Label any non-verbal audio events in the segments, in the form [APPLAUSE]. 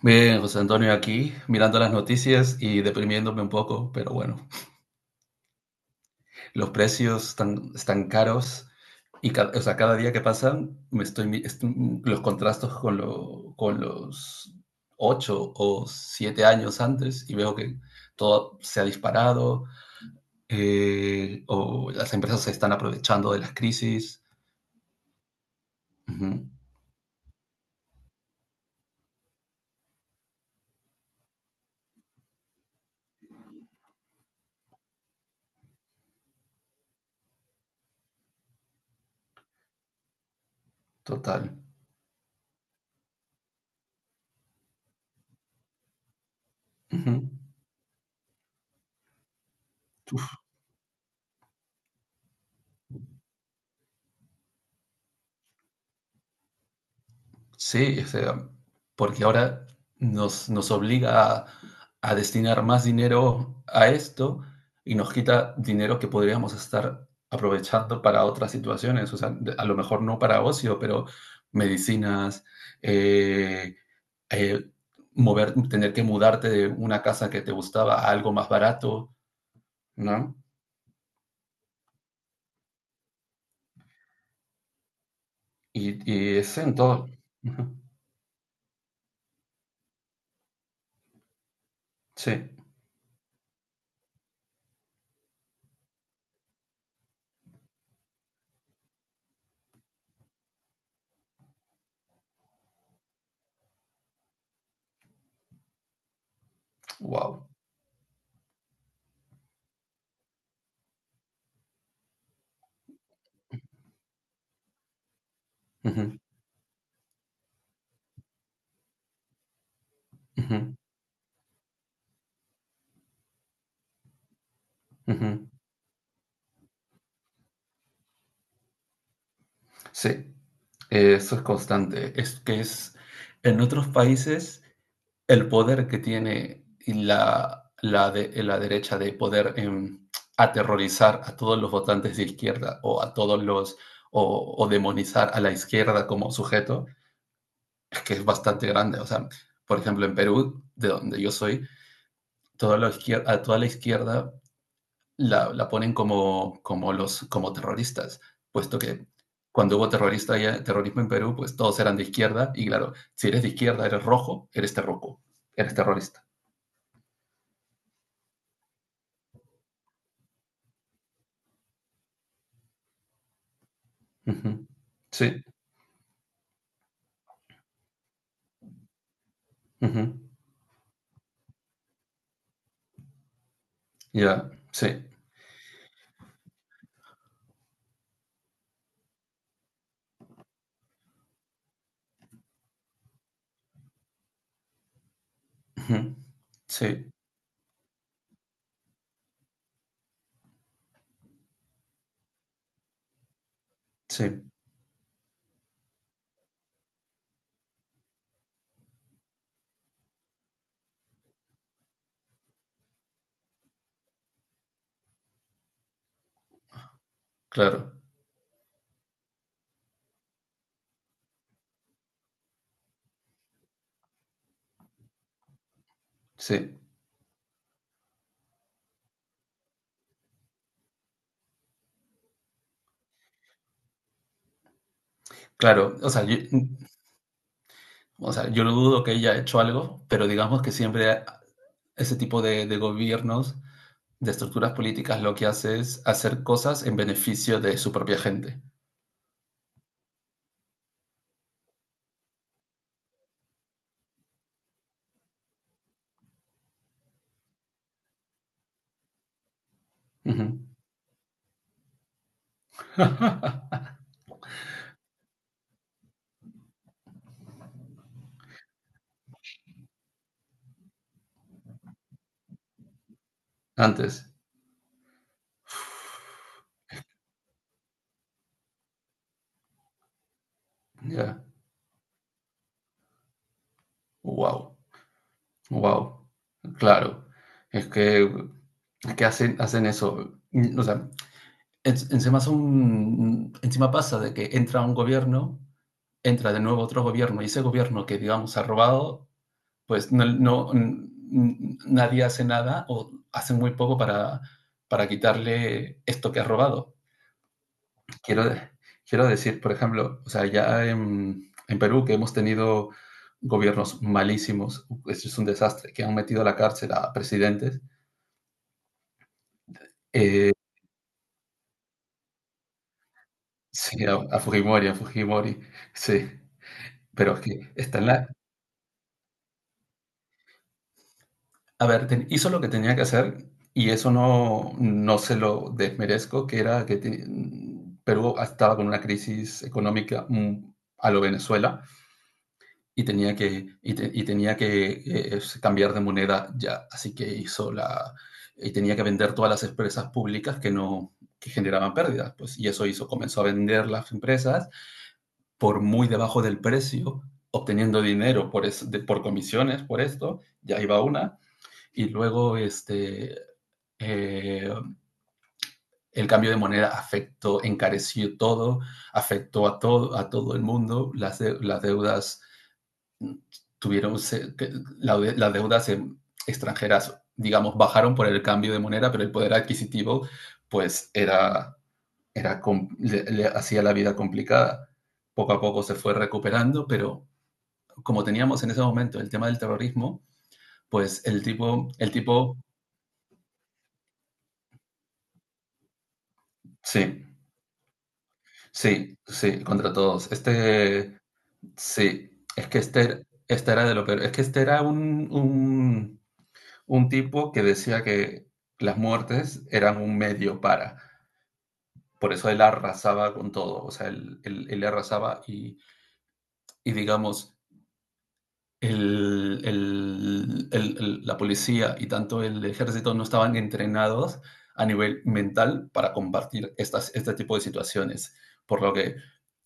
Bien, José Antonio, aquí mirando las noticias y deprimiéndome un poco, pero bueno, los precios están caros y o sea, cada día que pasan me estoy, los contrastos con los 8 o 7 años antes y veo que todo se ha disparado o las empresas se están aprovechando de las crisis. Ujú, total. Ujú. Sí, o sea, porque ahora nos obliga a destinar más dinero a esto y nos quita dinero que podríamos estar aprovechando para otras situaciones, o sea, a lo mejor no para ocio, pero medicinas, eh, eh, mover, tener que mudarte de una casa que te gustaba a algo más barato, ¿no? Y es en todo. Ujú. Sí, wow. Ujú, ujú, ujú. Sí. Eso es constante. Es que es en otros países el poder que tiene y la derecha de poder aterrorizar a todos los votantes de izquierda o a todos los o demonizar a la izquierda como sujeto es que es bastante grande. O sea, por ejemplo, en Perú, de donde yo soy, toda la izquierda, a toda la izquierda la ponen como terroristas, puesto que cuando hubo terrorismo en Perú, pues todos eran de izquierda y claro, si eres de izquierda, eres rojo, eres terroco, eres terrorista. Uh -huh. Sí, uh -huh. Ya, yeah. Sí, uh -huh. Sí, sí, claro, sí, claro. O sea, yo no dudo que haya hecho algo, pero digamos que siempre ese tipo de gobiernos de estructuras políticas lo que hace es hacer cosas en beneficio de su propia gente. Ujú. [LAUGHS] Antes, ya. Wow, wow. Claro. Es que, es que hacen eso. O sea, encima son, encima pasa de que entra un gobierno, entra de nuevo otro gobierno, y ese gobierno que, digamos, ha robado, pues nadie hace nada o hace muy poco para quitarle esto que ha robado. Quiero, quiero decir, por ejemplo, o sea, ya en Perú que hemos tenido gobiernos malísimos, esto es un desastre, que han metido a la cárcel a presidentes, eh, sí, a Fujimori, sí, pero es que está en la... A ver, hizo lo que tenía que hacer y eso no se lo desmerezco, que Perú estaba con una crisis económica a lo Venezuela y tenía que, y te- y tenía que cambiar de moneda ya. Así que y tenía que vender todas las empresas públicas que no, que generaban pérdidas, pues, y eso hizo, comenzó a vender las empresas por muy debajo del precio, obteniendo dinero por comisiones, por esto, ya iba una, y luego este, eh, el cambio de moneda afectó, encareció todo, afectó a todo el mundo, las deudas tuvieron, que la las deudas extranjeras, digamos, bajaron por el cambio de moneda, pero el poder adquisitivo, pues, era le hacía la vida complicada. Poco a poco se fue recuperando, pero como teníamos en ese momento el tema del terrorismo, pues el tipo, sí, sí, sí, contra todos. Este, sí, es que este era de lo peor, es que este era un tipo que decía que las muertes eran un medio para. Por eso él arrasaba con todo, o sea, él arrasaba y, digamos, la policía y tanto el ejército no estaban entrenados a nivel mental para combatir este tipo de situaciones, por lo que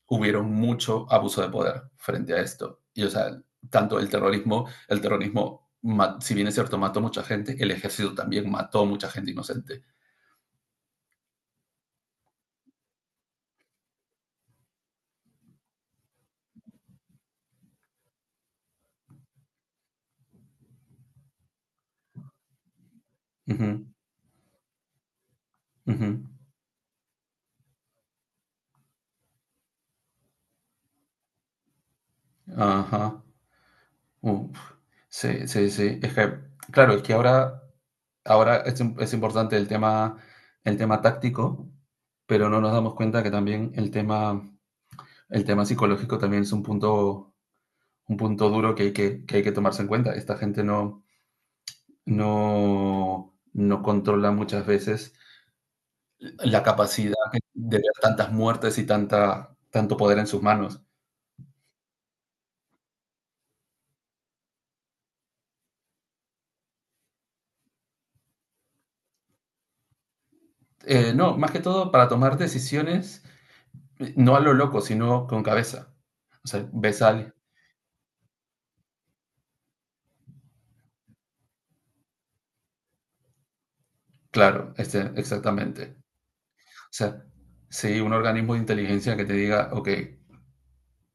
hubieron mucho abuso de poder frente a esto. Y o sea, tanto el terrorismo, si bien es cierto, mató mucha gente, el ejército también mató mucha gente inocente. Ujú, ujú. Ajá. Uh, sí, sí, sí. Es que, claro, es que ahora es importante el tema táctico, pero no nos damos cuenta que también el tema psicológico también es un punto, duro que hay que tomarse en cuenta. Esta gente no controla muchas veces la capacidad de ver tantas muertes y tanto poder en sus manos. No, más que todo para tomar decisiones. No a lo loco, sino con cabeza. O sea, ves al... Claro, exactamente. O sea, sí, un organismo de inteligencia que te diga, ok,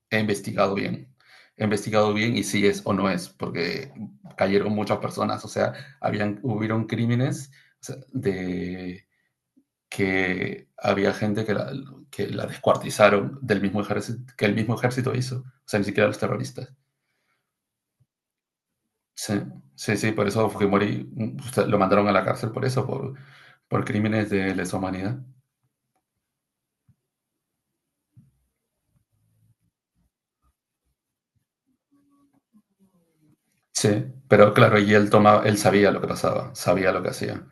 he investigado bien. He investigado bien y si es o no es, porque cayeron muchas personas. O sea, hubieron crímenes, o sea, de que había gente que la descuartizaron del mismo ejército, que el mismo ejército hizo. O sea, ni siquiera los terroristas. Sí, sí, sí, por eso Fujimori lo mandaron a la cárcel por eso, por crímenes de lesa humanidad. Sí, pero claro, y él tomaba, él sabía lo que pasaba, sabía lo que hacía.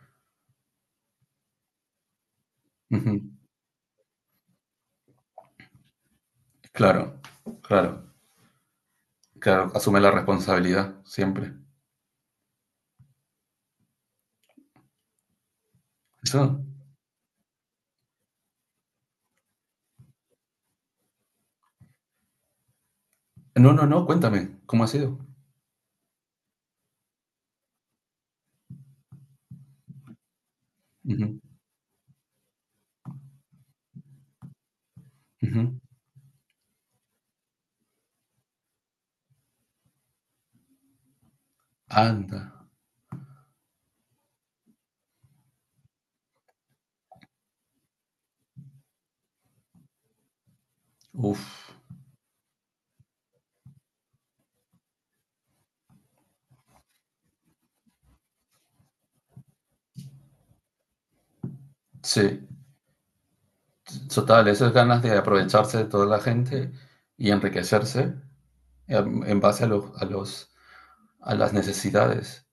Ujú. Claro, claro, claro, asume la responsabilidad siempre. Eso, no, no, no, cuéntame, ¿cómo ha sido? Ujú, ujú. Anda, uff, sí, total, esas ganas de aprovecharse de toda la gente y enriquecerse en base a las necesidades.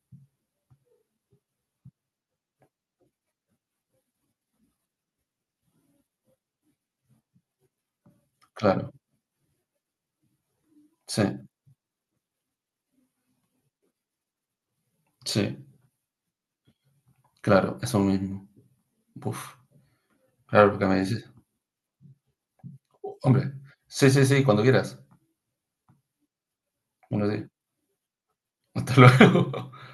Claro, sí, sí, claro, eso mismo. Uf, claro, porque me dices. Hombre, sí, sí, sí, cuando quieras. Bueno, sí. Hasta luego. [LAUGHS]